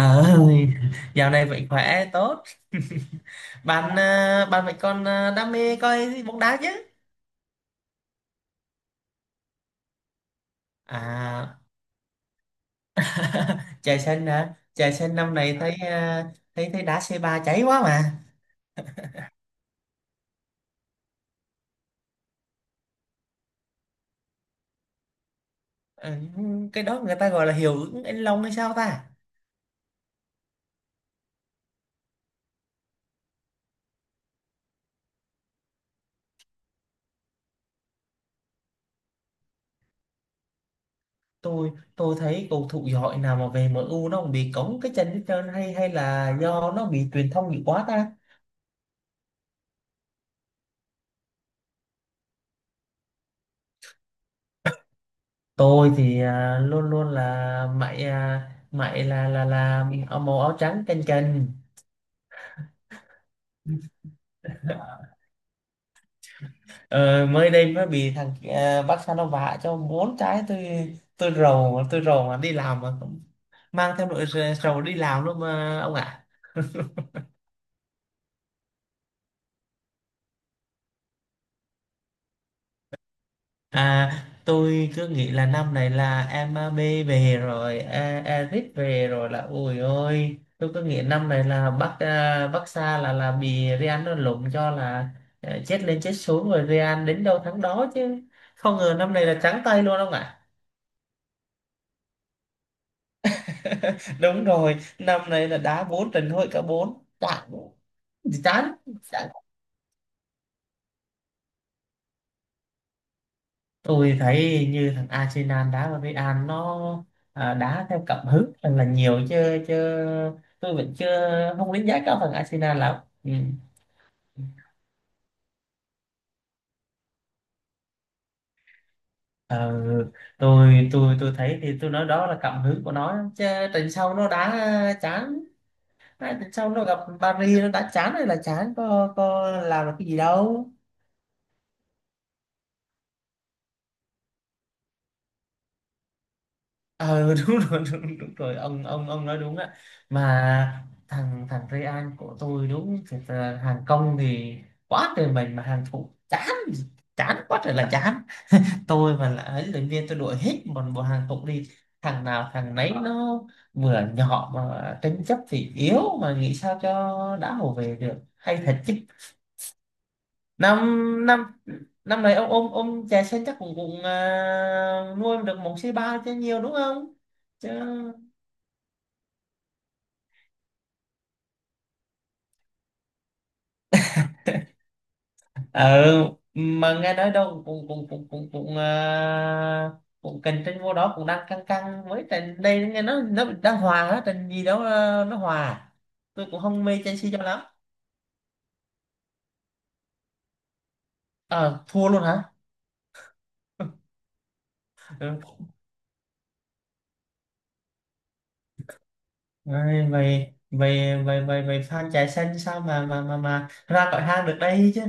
Ờ, dạo này vẫn khỏe tốt. Bạn à, bạn vẫn còn à, đam mê coi bóng đá chứ? À, trời xanh hả? Trời xanh năm này thấy à, thấy thấy đá C3 cháy quá mà. Ờ, cái đó người ta gọi là hiệu ứng anh Long hay sao ta? Tôi tôi thấy cầu thủ giỏi nào mà về em u nó cũng bị cống cái chân hết trơn hay hay là do nó bị truyền thông nhiều quá ta? Tôi thì à, luôn luôn là mày à, mày là áo màu áo trắng canh canh. Ờ, mới đây mới bị thằng ờ, bác Sa nó vạ cho 4 trái. Tôi rầu mà tôi rầu mà đi làm mà cũng mang theo nỗi rầu đi làm luôn mà ông ạ. À, tôi cứ nghĩ là năm này là em bê về rồi Eric về rồi là ôi ôi tôi cứ nghĩ năm này là bác à, bác Sa là bị Real nó lụm cho là ờ, chết lên chết xuống rồi Real đến đâu thắng đó chứ không ngờ năm này là trắng tay luôn ông ạ. Đúng rồi, năm này là đá 4 trận thôi cả 4 đã thì chán. Chán. Tôi thấy như thằng Arsenal đá với Real nó à, đá theo cảm hứng thật là nhiều chứ chứ tôi vẫn chưa, không đánh giá cao thằng Arsenal lắm. Ừ. Ờ, tôi thấy thì tôi nói đó là cảm hứng của nó chứ trận sau nó đá chán. Hai trận sau nó gặp Paris nó đá chán hay là chán, có làm được cái gì đâu. Ờ, đúng rồi, đúng, đúng rồi ông nói đúng ạ, mà thằng thằng Real của tôi đúng thật là hàng công thì quá trời mình mà hàng thủ chán, chán quá trời là chán. Tôi mà là ấy luyện viên tôi đuổi hết một bộ hàng thủ đi. Thằng nào thằng nấy nó vừa nhỏ mà tranh chấp thì yếu, mà nghĩ sao cho đã hồ về được hay thật chứ. Năm năm năm này ông chè sen chắc cũng cũng à, nuôi được một C ba chứ nhiều đúng không chứ ừ. Mà nghe nói đâu cũng cũng cũng cũng cũng à, cũng cạnh tranh vô đó, cũng đang căng căng với trận đây, nghe nó đang hòa á, trận gì đó à, nó hòa à? Tôi cũng không mê Chelsea cho lắm. Ờ, thua luôn hả? Ừ. Ai, vậy vậy vậy vậy vậy fan chạy xanh sao mà ra khỏi hang được đây chứ.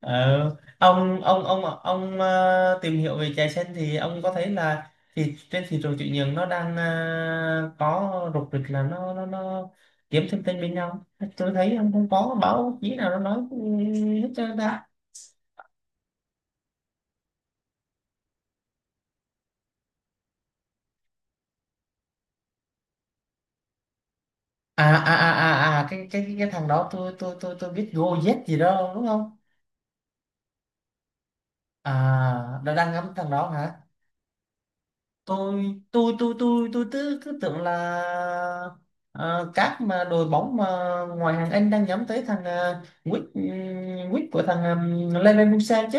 Ờ, ông ờ, tìm hiểu về chè sen thì ông có thấy là thì trên thị trường chuyển nhượng nó đang ờ, có rục rịch là nó kiếm thêm tên bên nhau. Tôi thấy ông không có báo chí nào nó nói ừ, hết trơn ta. À à à à à cái thằng đó tôi biết Gojek gì đó đúng không. À, nó đang ngắm thằng đó hả. Tôi cứ, cứ tưởng là ờ, các mà đội bóng mà ngoài hàng Anh đang nhắm tới thằng Wick ừ, Wick của thằng Leverkusen chứ.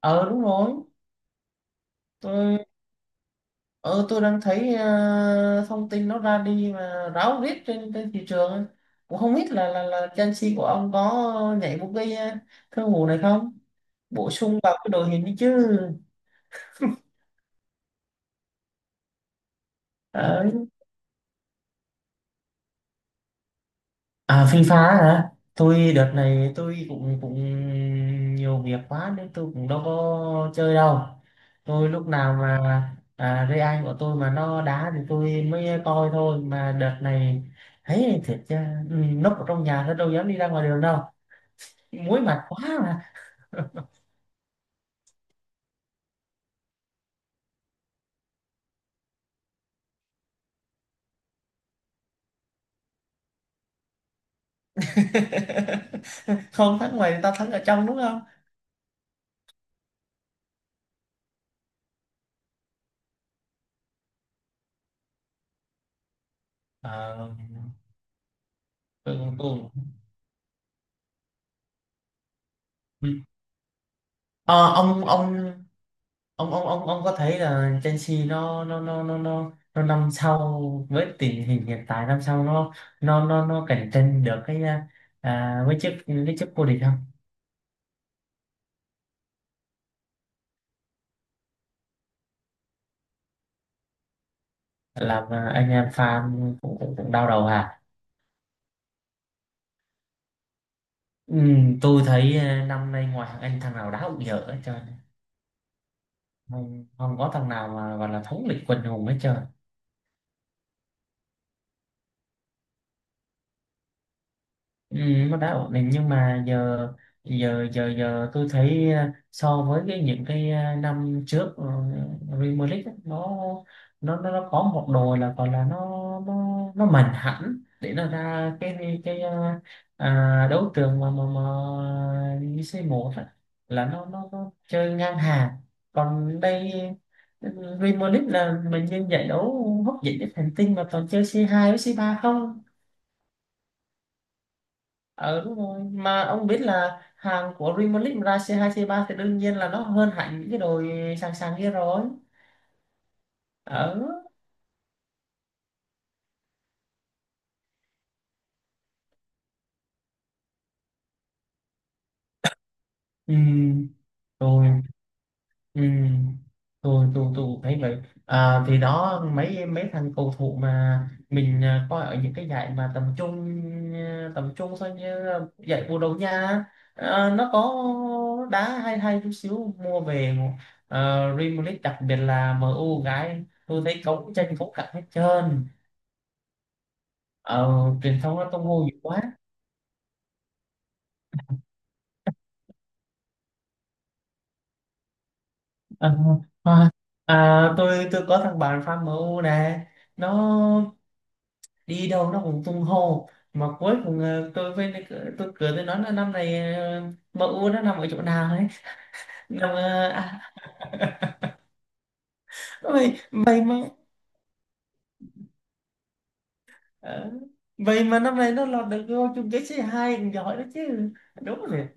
Ờ đúng rồi. Tôi ờ tôi đang thấy ờ, thông tin nó ra đi mà ráo riết trên trên thị trường, cũng không biết là là Chelsea của ông có nhảy một cái ờ, thương vụ này không, bổ sung vào cái đội hình đi chứ. Ờ. À, Phi Phá hả? Tôi đợt này tôi cũng cũng nhiều việc quá nên tôi cũng đâu có chơi đâu. Tôi lúc nào mà à, Ray Anh của tôi mà nó đá thì tôi mới coi thôi. Mà đợt này thấy thiệt chứ, ừ, núp ở trong nhà nó đâu dám đi ra ngoài đường đâu. Muối mặt quá mà. Không thắng ngoài thì tao thắng ở trong đúng không? Ờ, tôi, ừ. Ờ, ông có thấy là Chelsea nó năm sau, với tình hình hiện tại năm sau nó cạnh tranh được cái à, à, với chức cái chức vô địch không. Làm à, anh em fan cũng cũng, cũng đau đầu à. Ừ, tôi thấy à, năm nay ngoài thằng anh thằng nào đá cũng dở hết trơn, không không có thằng nào mà gọi là thống lĩnh quần hùng hết trơn. Ừ, nó đã ổn định nhưng mà giờ giờ tôi thấy ờ, so với cái những cái ờ, năm trước ờ, Premier League á, nó có một đồ là còn là nó nó mạnh hẳn để nó ra cái ờ, à, đấu trường mà C1 á, là nó chơi ngang hàng, còn đây Premier League là mình như giải đấu hấp dẫn nhất hành tinh mà toàn chơi c hai với c ba không. Ờ đúng rồi, mà ông biết là hàng của Real Madrid ra c hai c ba thì đương nhiên là nó hơn hẳn những cái đồi sàng sàng kia rồi. Ở. Ừ. Rồi. Ừ. tôi cũng thấy vậy. À, thì đó mấy mấy thằng cầu thủ mà mình à, coi ở những cái giải mà tầm trung, à, tầm trung thôi như là giải Bồ Đào Nha, à, nó có đá hay hay chút xíu mua về à, Real Madrid đặc biệt là MU gái tôi thấy cấu tranh cấu cặn hết trơn. Ờ, truyền thông nó tung hô dữ quá. Ờ, à, à, tôi có thằng bạn fan MU nè, nó đi đâu nó cũng tung hô, mà cuối cùng ờ, tôi với tôi cười tôi nói là năm này ờ, MU nó nằm ở chỗ nào ấy, nằm ờ, à, vậy vậy mà ờ, vậy mà năm này nó lọt được vô chung kết C2 cũng giỏi đó chứ đúng rồi.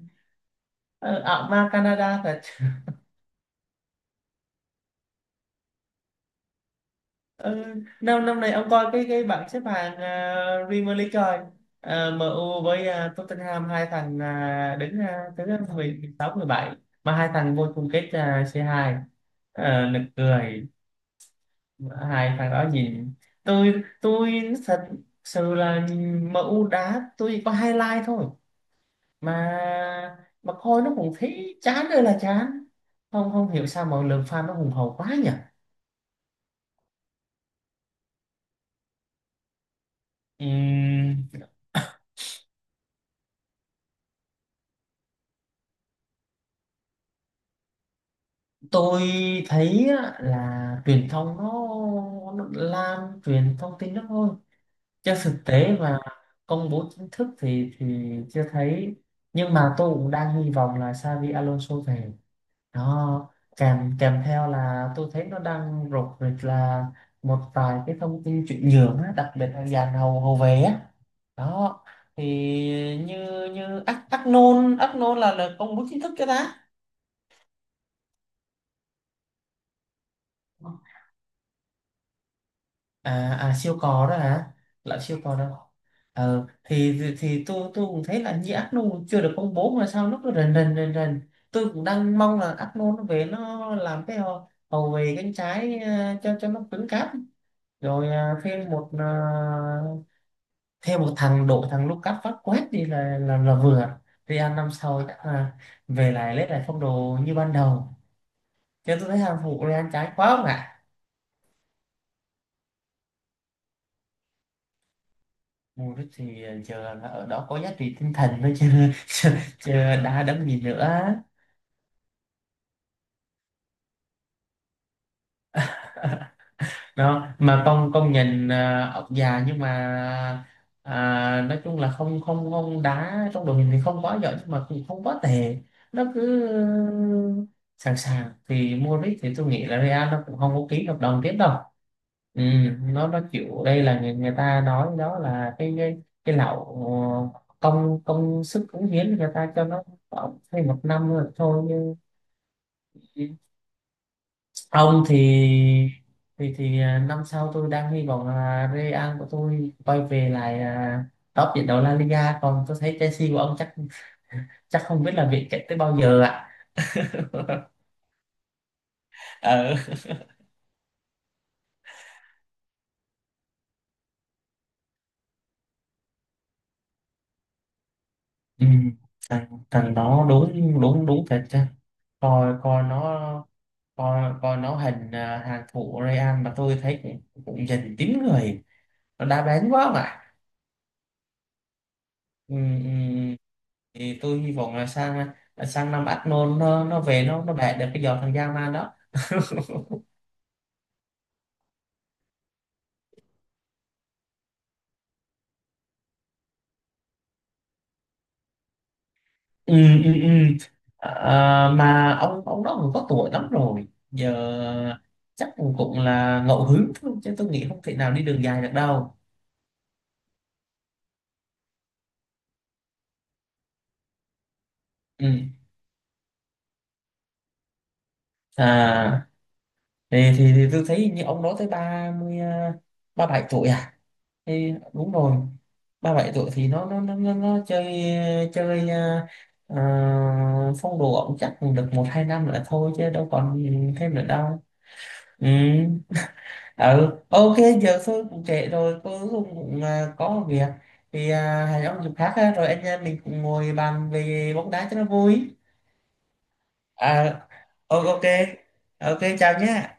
Ờ, ở ma Canada thật. Ừ, năm năm này ông coi cái bảng xếp hạng à, Premier League rồi à, MU với à, Tottenham hai thằng à, đứng à, thứ 16, 17 mà hai thằng vô chung kết à, c hai. À, nực cười hai thằng đó nhìn. Tôi tôi thật sự là nhìn MU đá tôi có highlight thôi, mà mà coi nó cũng thấy chán ơi là chán, không không hiểu sao mọi lượng fan nó hùng hậu quá nhỉ. Ừ, tôi thấy á, là truyền thông nó lan truyền thông tin đó thôi chứ thực tế và công bố chính thức thì chưa thấy, nhưng mà tôi cũng đang hy vọng là Xavi Alonso về nó kèm kèm theo. Là tôi thấy nó đang rục rịch là một vài cái thông tin chuyển nhượng á, đặc biệt là dàn hậu hậu vệ á, đó thì như như Ác Ác Nôn Ác Nôn là công bố chính thức cho ta. À, à siêu cò đó hả. Lặn siêu cò đó. Ờ thì tôi cũng thấy là như ác chưa được công bố mà sao nó cứ rần rần rần rần. Tôi cũng đang mong là ác nôn nó về nó làm cái hậu, hậu vệ cánh trái ờ, cho nó cứng cáp. Rồi ờ, thêm một thằng đội thằng Lucas Vazquez đi là vừa Real năm sau chắc là về lại lấy lại phong độ như ban đầu, cho tôi thấy hàng phụ Real trái quá không ạ. Mua rít thì giờ là ở đó có giá trị tinh thần thôi chứ chứ, chứ đã đấm gì nữa. Đó mà con nhìn à, ông già nhưng mà à, nói chung là không không không đá trong đội hình thì không quá giỏi nhưng mà cũng không quá tệ, nó cứ sẵn sàng thì Modric thì tôi nghĩ là Real nó cũng không có ký hợp đồng tiếp đâu. Ừ, nó kiểu đây là người, người ta nói đó là cái lậu ờ, công công sức cống hiến người ta cho nó khoảng thêm 1 năm rồi thôi, nhưng ông thì thì à, năm sau tôi đang hy vọng là Real của tôi quay về lại à, top trận đấu La Liga, còn tôi thấy Chelsea của ông chắc chắc không biết là viện chạy tới bao giờ ạ. Ờ. Ừ. thằng thằng đó đúng đúng đúng thật chứ, coi coi nó coi coi nó hình à, hàng thủ Real mà tôi thấy cũng, cũng dành chín người, nó đa bén quá mà. Ừ, ừ, thì tôi hy vọng là sang sang năm Arnold nó về nó bẻ được cái giò thằng Yaman đó. Ừ, ừ, ừ. À, mà ông đó cũng có tuổi lắm rồi giờ, chắc cũng cũng là ngẫu hứng thôi chứ tôi nghĩ không thể nào đi đường dài được đâu. Ừ. À thì tôi thấy như ông đó tới 30 à, 37 tuổi à? Thì đúng rồi 37 tuổi thì nó chơi chơi à, à, phong độ ổng chắc được 1, 2 năm là thôi chứ đâu còn thêm nữa đâu. Ừ ừ ok. Giờ tôi cũng trễ rồi, tôi cũng, cũng à, có một việc thì à, hẹn ông dịp khác ha, rồi anh em mình cùng ngồi bàn về bóng đá cho nó vui. À, ok ok chào nhé.